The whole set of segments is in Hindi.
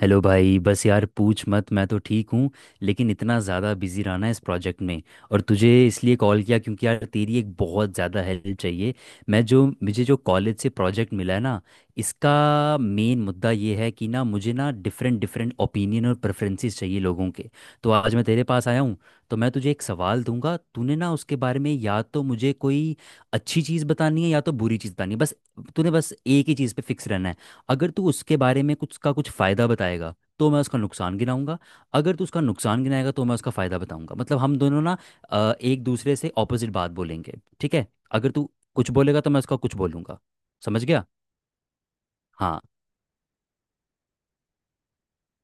हेलो भाई। बस यार पूछ मत, मैं तो ठीक हूँ। लेकिन इतना ज़्यादा बिजी रहना है इस प्रोजेक्ट में। और तुझे इसलिए कॉल किया क्योंकि यार तेरी एक बहुत ज़्यादा हेल्प चाहिए। मैं जो मुझे जो कॉलेज से प्रोजेक्ट मिला है ना, इसका मेन मुद्दा ये है कि ना, मुझे ना डिफरेंट डिफरेंट ओपिनियन और प्रेफरेंसेस चाहिए लोगों के। तो आज मैं तेरे पास आया हूँ। तो मैं तुझे एक सवाल दूंगा, तूने ना उसके बारे में या तो मुझे कोई अच्छी चीज़ बतानी है या तो बुरी चीज़ बतानी है, बस। तूने बस एक ही चीज़ पे फिक्स रहना है। अगर तू उसके बारे में कुछ का कुछ फ़ायदा बताएगा तो मैं उसका नुकसान गिनाऊंगा। अगर तू उसका नुकसान गिनाएगा तो मैं उसका फ़ायदा बताऊंगा। मतलब हम दोनों ना एक दूसरे से ऑपोजिट बात बोलेंगे, ठीक है। अगर तू कुछ बोलेगा तो मैं उसका कुछ बोलूंगा। समझ गया। हाँ।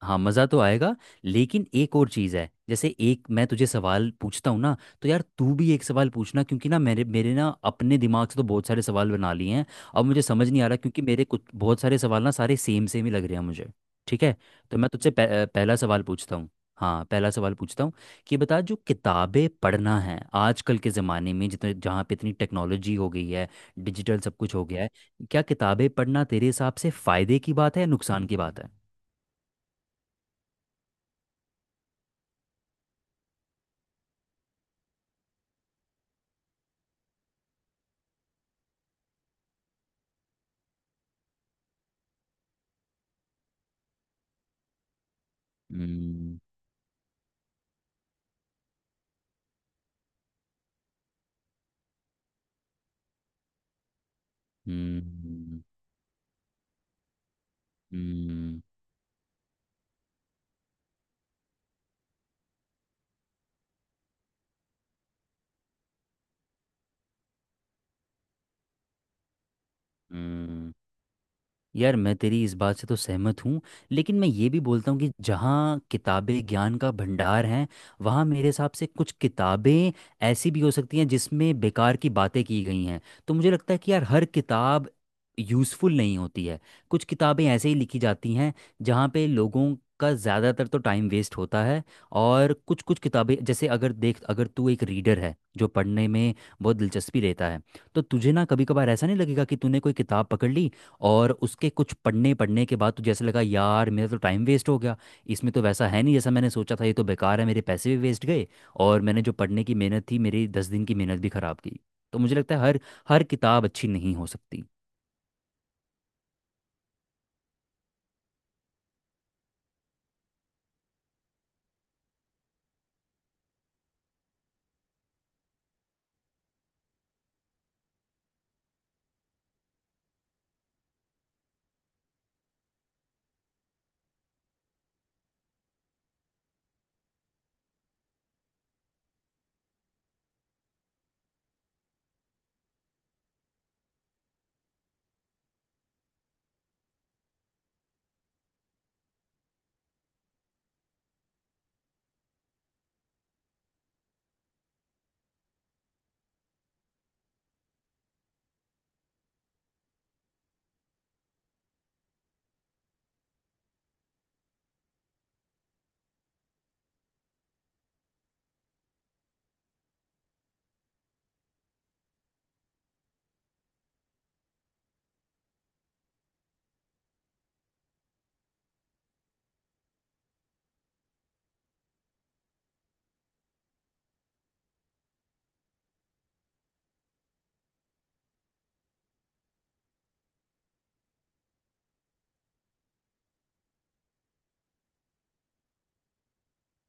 हाँ, मज़ा तो आएगा। लेकिन एक और चीज़ है, जैसे एक मैं तुझे सवाल पूछता हूँ ना, तो यार तू भी एक सवाल पूछना क्योंकि ना मेरे मेरे ना अपने दिमाग से तो बहुत सारे सवाल बना लिए हैं। अब मुझे समझ नहीं आ रहा क्योंकि मेरे कुछ बहुत सारे सवाल ना सारे सेम सेम ही लग रहे हैं मुझे। ठीक है, तो मैं तुझसे पहला सवाल पूछता हूँ। हाँ, पहला सवाल पूछता हूँ, कि बता जो किताबें पढ़ना है आजकल के ज़माने में, जितने जहाँ पे इतनी टेक्नोलॉजी हो गई है, डिजिटल सब कुछ हो गया है, क्या किताबें पढ़ना तेरे हिसाब से फ़ायदे की बात है या नुकसान की बात है? हम्म। हुआ हुआ। हुआ हुआ। यार मैं तेरी इस बात से तो सहमत हूँ। लेकिन मैं ये भी बोलता हूँ कि जहाँ किताबें ज्ञान का भंडार हैं, वहाँ मेरे हिसाब से कुछ किताबें ऐसी भी हो सकती हैं जिसमें बेकार की बातें की गई हैं। तो मुझे लगता है कि यार हर किताब यूज़फुल नहीं होती है। कुछ किताबें ऐसे ही लिखी जाती हैं जहाँ पे लोगों का ज़्यादातर तो टाइम वेस्ट होता है। और कुछ कुछ किताबें, जैसे अगर देख, अगर तू एक रीडर है जो पढ़ने में बहुत दिलचस्पी लेता है, तो तुझे ना कभी कभार ऐसा नहीं लगेगा कि तूने कोई किताब पकड़ ली और उसके कुछ पढ़ने पढ़ने के बाद तुझे ऐसे लगा यार मेरा तो टाइम वेस्ट हो गया। इसमें तो वैसा है नहीं जैसा मैंने सोचा था, ये तो बेकार है, मेरे पैसे भी वेस्ट गए और मैंने जो पढ़ने की मेहनत थी मेरी 10 दिन की मेहनत भी खराब की। तो मुझे लगता है हर हर किताब अच्छी नहीं हो सकती।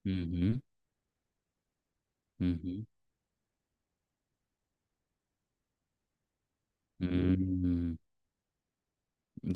हम्म। हम्म। हम्म। हम्म,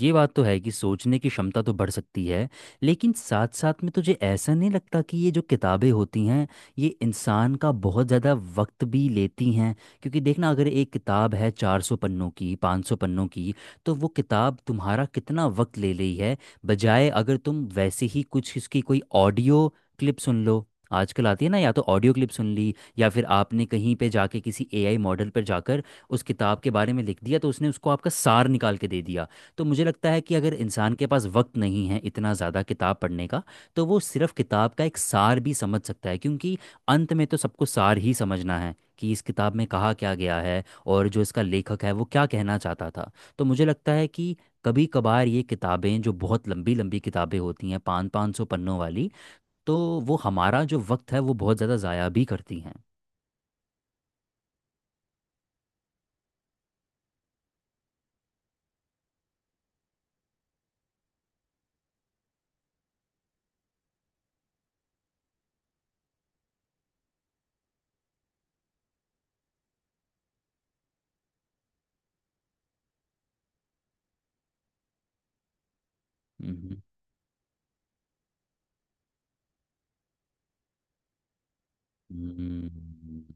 ये बात तो है कि सोचने की क्षमता तो बढ़ सकती है। लेकिन साथ साथ में तुझे ऐसा नहीं लगता कि ये जो किताबें होती हैं, ये इंसान का बहुत ज़्यादा वक्त भी लेती हैं? क्योंकि देखना, अगर एक किताब है 400 पन्नों की, 500 पन्नों की, तो वो किताब तुम्हारा कितना वक्त ले रही है। बजाय अगर तुम वैसे ही कुछ इसकी कोई ऑडियो क्लिप सुन लो, आजकल आती है ना, या तो ऑडियो क्लिप सुन ली, या फिर आपने कहीं पे जाके किसी एआई मॉडल पर जाकर उस किताब के बारे में लिख दिया, तो उसने उसको आपका सार निकाल के दे दिया। तो मुझे लगता है कि अगर इंसान के पास वक्त नहीं है इतना ज़्यादा किताब पढ़ने का, तो वो सिर्फ किताब का एक सार भी समझ सकता है, क्योंकि अंत में तो सबको सार ही समझना है कि इस किताब में कहा क्या गया है और जो इसका लेखक है वो क्या कहना चाहता था। तो मुझे लगता है कि कभी कभार ये किताबें, जो बहुत लंबी लंबी किताबें होती हैं 500-500 पन्नों वाली, तो वो हमारा जो वक्त है वो बहुत ज़्यादा ज़ाया भी करती हैं। हम्म। हम्म।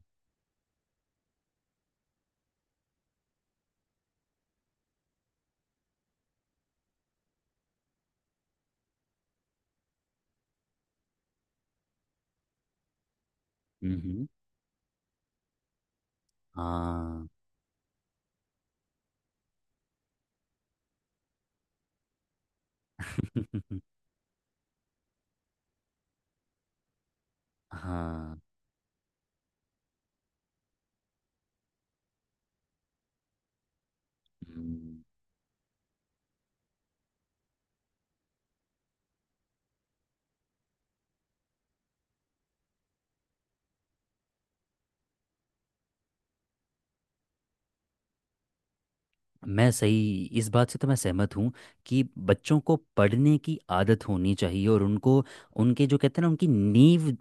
हम्म, हाँ। हाँ। हम्म। मैं सही इस बात से तो मैं सहमत हूँ कि बच्चों को पढ़ने की आदत होनी चाहिए और उनको, उनके जो कहते हैं ना, उनकी नींव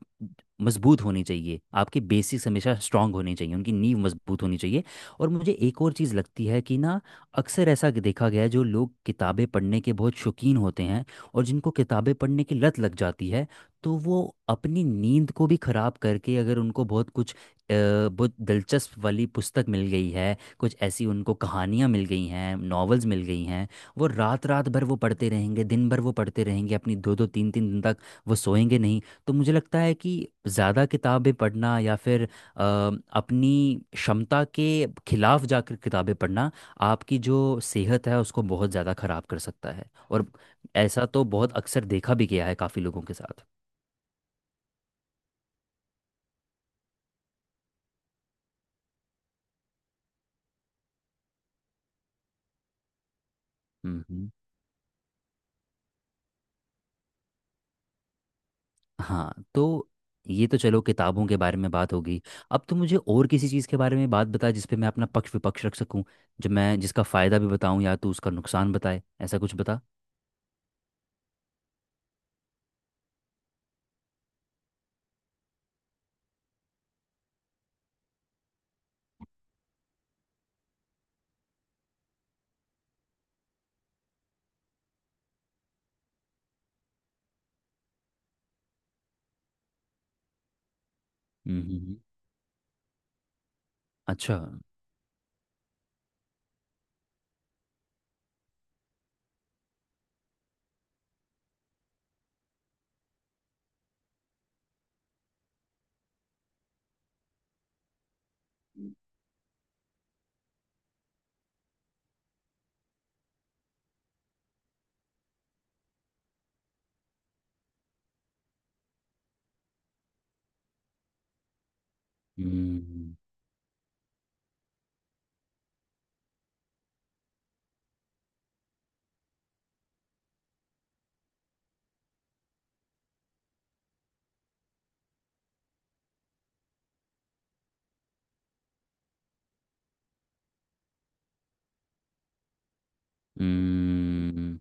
मजबूत होनी चाहिए, आपके बेसिक्स हमेशा स्ट्रांग होने चाहिए, उनकी नींव मजबूत होनी चाहिए। और मुझे एक और चीज़ लगती है कि ना, अक्सर ऐसा कि देखा गया है, जो लोग किताबें पढ़ने के बहुत शौकीन होते हैं और जिनको किताबें पढ़ने की लत लग जाती है, तो वो अपनी नींद को भी ख़राब करके, अगर उनको बहुत कुछ बहुत दिलचस्प वाली पुस्तक मिल गई है, कुछ ऐसी उनको कहानियाँ मिल गई हैं, नॉवेल्स मिल गई हैं, वो रात रात भर वो पढ़ते रहेंगे, दिन भर वो पढ़ते रहेंगे, अपनी दो दो तीन तीन दिन तक वो सोएंगे नहीं। तो मुझे लगता है कि ज़्यादा किताबें पढ़ना या फिर अपनी क्षमता के खिलाफ जाकर किताबें पढ़ना आपकी जो सेहत है उसको बहुत ज़्यादा ख़राब कर सकता है। और ऐसा तो बहुत अक्सर देखा भी गया है काफ़ी लोगों के साथ। हम्म। हाँ। तो ये तो चलो किताबों के बारे में बात होगी। अब तो मुझे और किसी चीज़ के बारे में बात बता जिस पे मैं अपना पक्ष विपक्ष रख सकूं, जो मैं जिसका फ़ायदा भी बताऊं या तो उसका नुकसान बताए, ऐसा कुछ बता। हम्म। अच्छा। हम्म। うーん、うーん。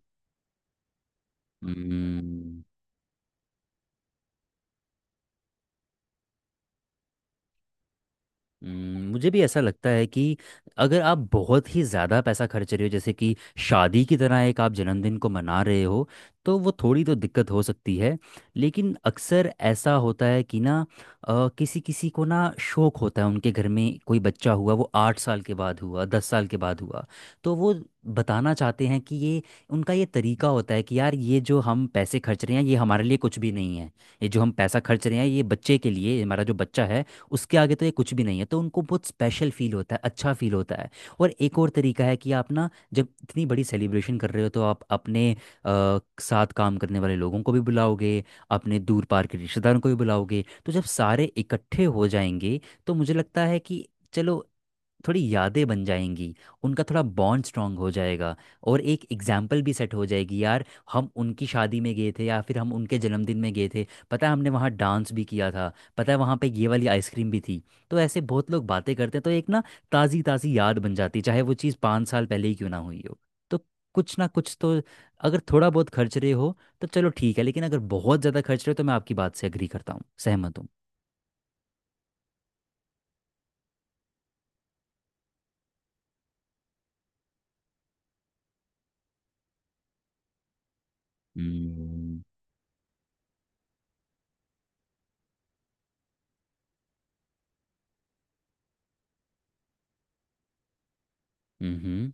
मुझे भी ऐसा लगता है कि अगर आप बहुत ही ज़्यादा पैसा खर्च रहे हो, जैसे कि शादी की तरह एक आप जन्मदिन को मना रहे हो, तो वो थोड़ी तो दिक्कत हो सकती है। लेकिन अक्सर ऐसा होता है कि ना, किसी किसी को ना शौक होता है, उनके घर में कोई बच्चा हुआ, वो 8 साल के बाद हुआ, 10 साल के बाद हुआ, तो वो बताना चाहते हैं कि ये उनका ये तरीका होता है कि यार ये जो हम पैसे खर्च रहे हैं ये हमारे लिए कुछ भी नहीं है, ये जो हम पैसा खर्च रहे हैं ये बच्चे के लिए, हमारा जो बच्चा है उसके आगे तो ये कुछ भी नहीं है, तो उनको बहुत स्पेशल फील होता है, अच्छा फील होता है। और एक और तरीका है कि आप ना, जब इतनी बड़ी सेलिब्रेशन कर रहे हो तो आप अपने साथ काम करने वाले लोगों को भी बुलाओगे, अपने दूर पार के रिश्तेदारों को भी बुलाओगे, तो जब सारे इकट्ठे हो जाएंगे, तो मुझे लगता है कि चलो थोड़ी यादें बन जाएंगी, उनका थोड़ा बॉन्ड स्ट्रांग हो जाएगा और एक एग्जाम्पल भी सेट हो जाएगी यार, हम उनकी शादी में गए थे या फिर हम उनके जन्मदिन में गए थे, पता है हमने वहाँ डांस भी किया था, पता है वहाँ पे ये वाली आइसक्रीम भी थी। तो ऐसे बहुत लोग बातें करते हैं, तो एक ना ताज़ी ताज़ी याद बन जाती है, चाहे वो चीज़ 5 साल पहले ही क्यों ना हुई हो। तो कुछ ना कुछ तो, अगर थोड़ा बहुत खर्च रहे हो तो चलो ठीक है, लेकिन अगर बहुत ज़्यादा खर्च रहे हो तो मैं आपकी बात से अग्री करता हूँ, सहमत हूँ। हम्म। हम्म।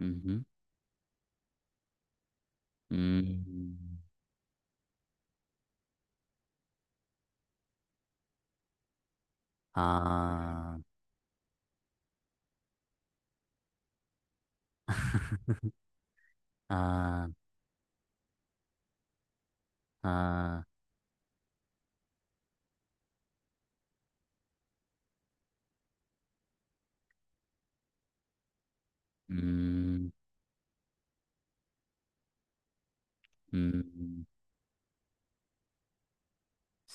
हम्म। हम्म। हाँ। हाँ। हाँ। हम्म। हम्म,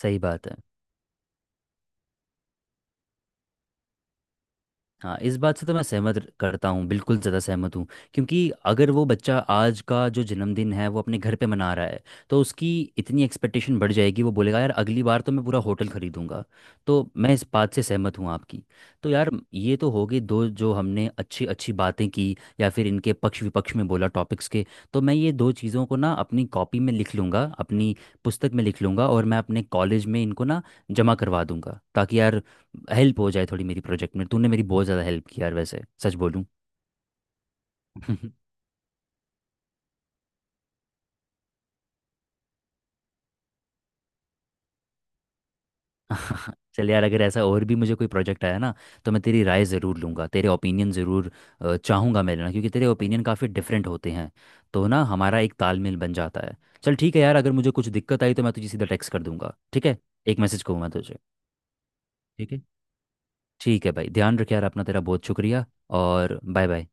सही बात है। हाँ, इस बात से तो मैं सहमत करता हूँ, बिल्कुल ज़्यादा सहमत हूँ। क्योंकि अगर वो बच्चा आज का जो जन्मदिन है वो अपने घर पे मना रहा है, तो उसकी इतनी एक्सपेक्टेशन बढ़ जाएगी, वो बोलेगा यार अगली बार तो मैं पूरा होटल खरीदूंगा। तो मैं इस बात से सहमत हूँ आपकी। तो यार ये तो हो गई दो जो हमने अच्छी अच्छी बातें की या फिर इनके पक्ष विपक्ष में बोला टॉपिक्स के। तो मैं ये दो चीज़ों को ना अपनी कॉपी में लिख लूँगा, अपनी पुस्तक में लिख लूँगा, और मैं अपने कॉलेज में इनको ना जमा करवा दूंगा ताकि यार हेल्प हो जाए थोड़ी मेरी प्रोजेक्ट में। तूने मेरी बहुत ज़्यादा हेल्प की यार, वैसे सच बोलूँ। चल यार, अगर ऐसा और भी मुझे कोई प्रोजेक्ट आया ना तो मैं तेरी राय ज़रूर लूँगा, तेरे ओपिनियन ज़रूर चाहूँगा मैं लेना, क्योंकि तेरे ओपिनियन काफ़ी डिफरेंट होते हैं, तो ना हमारा एक तालमेल बन जाता है। चल ठीक है यार, अगर मुझे कुछ दिक्कत आई तो मैं तुझे सीधा टेक्स्ट कर दूंगा, ठीक है। एक मैसेज कहूँ मैं तुझे। ठीक है। ठीक है भाई, ध्यान रख यार अपना, तेरा बहुत शुक्रिया। और बाय बाय।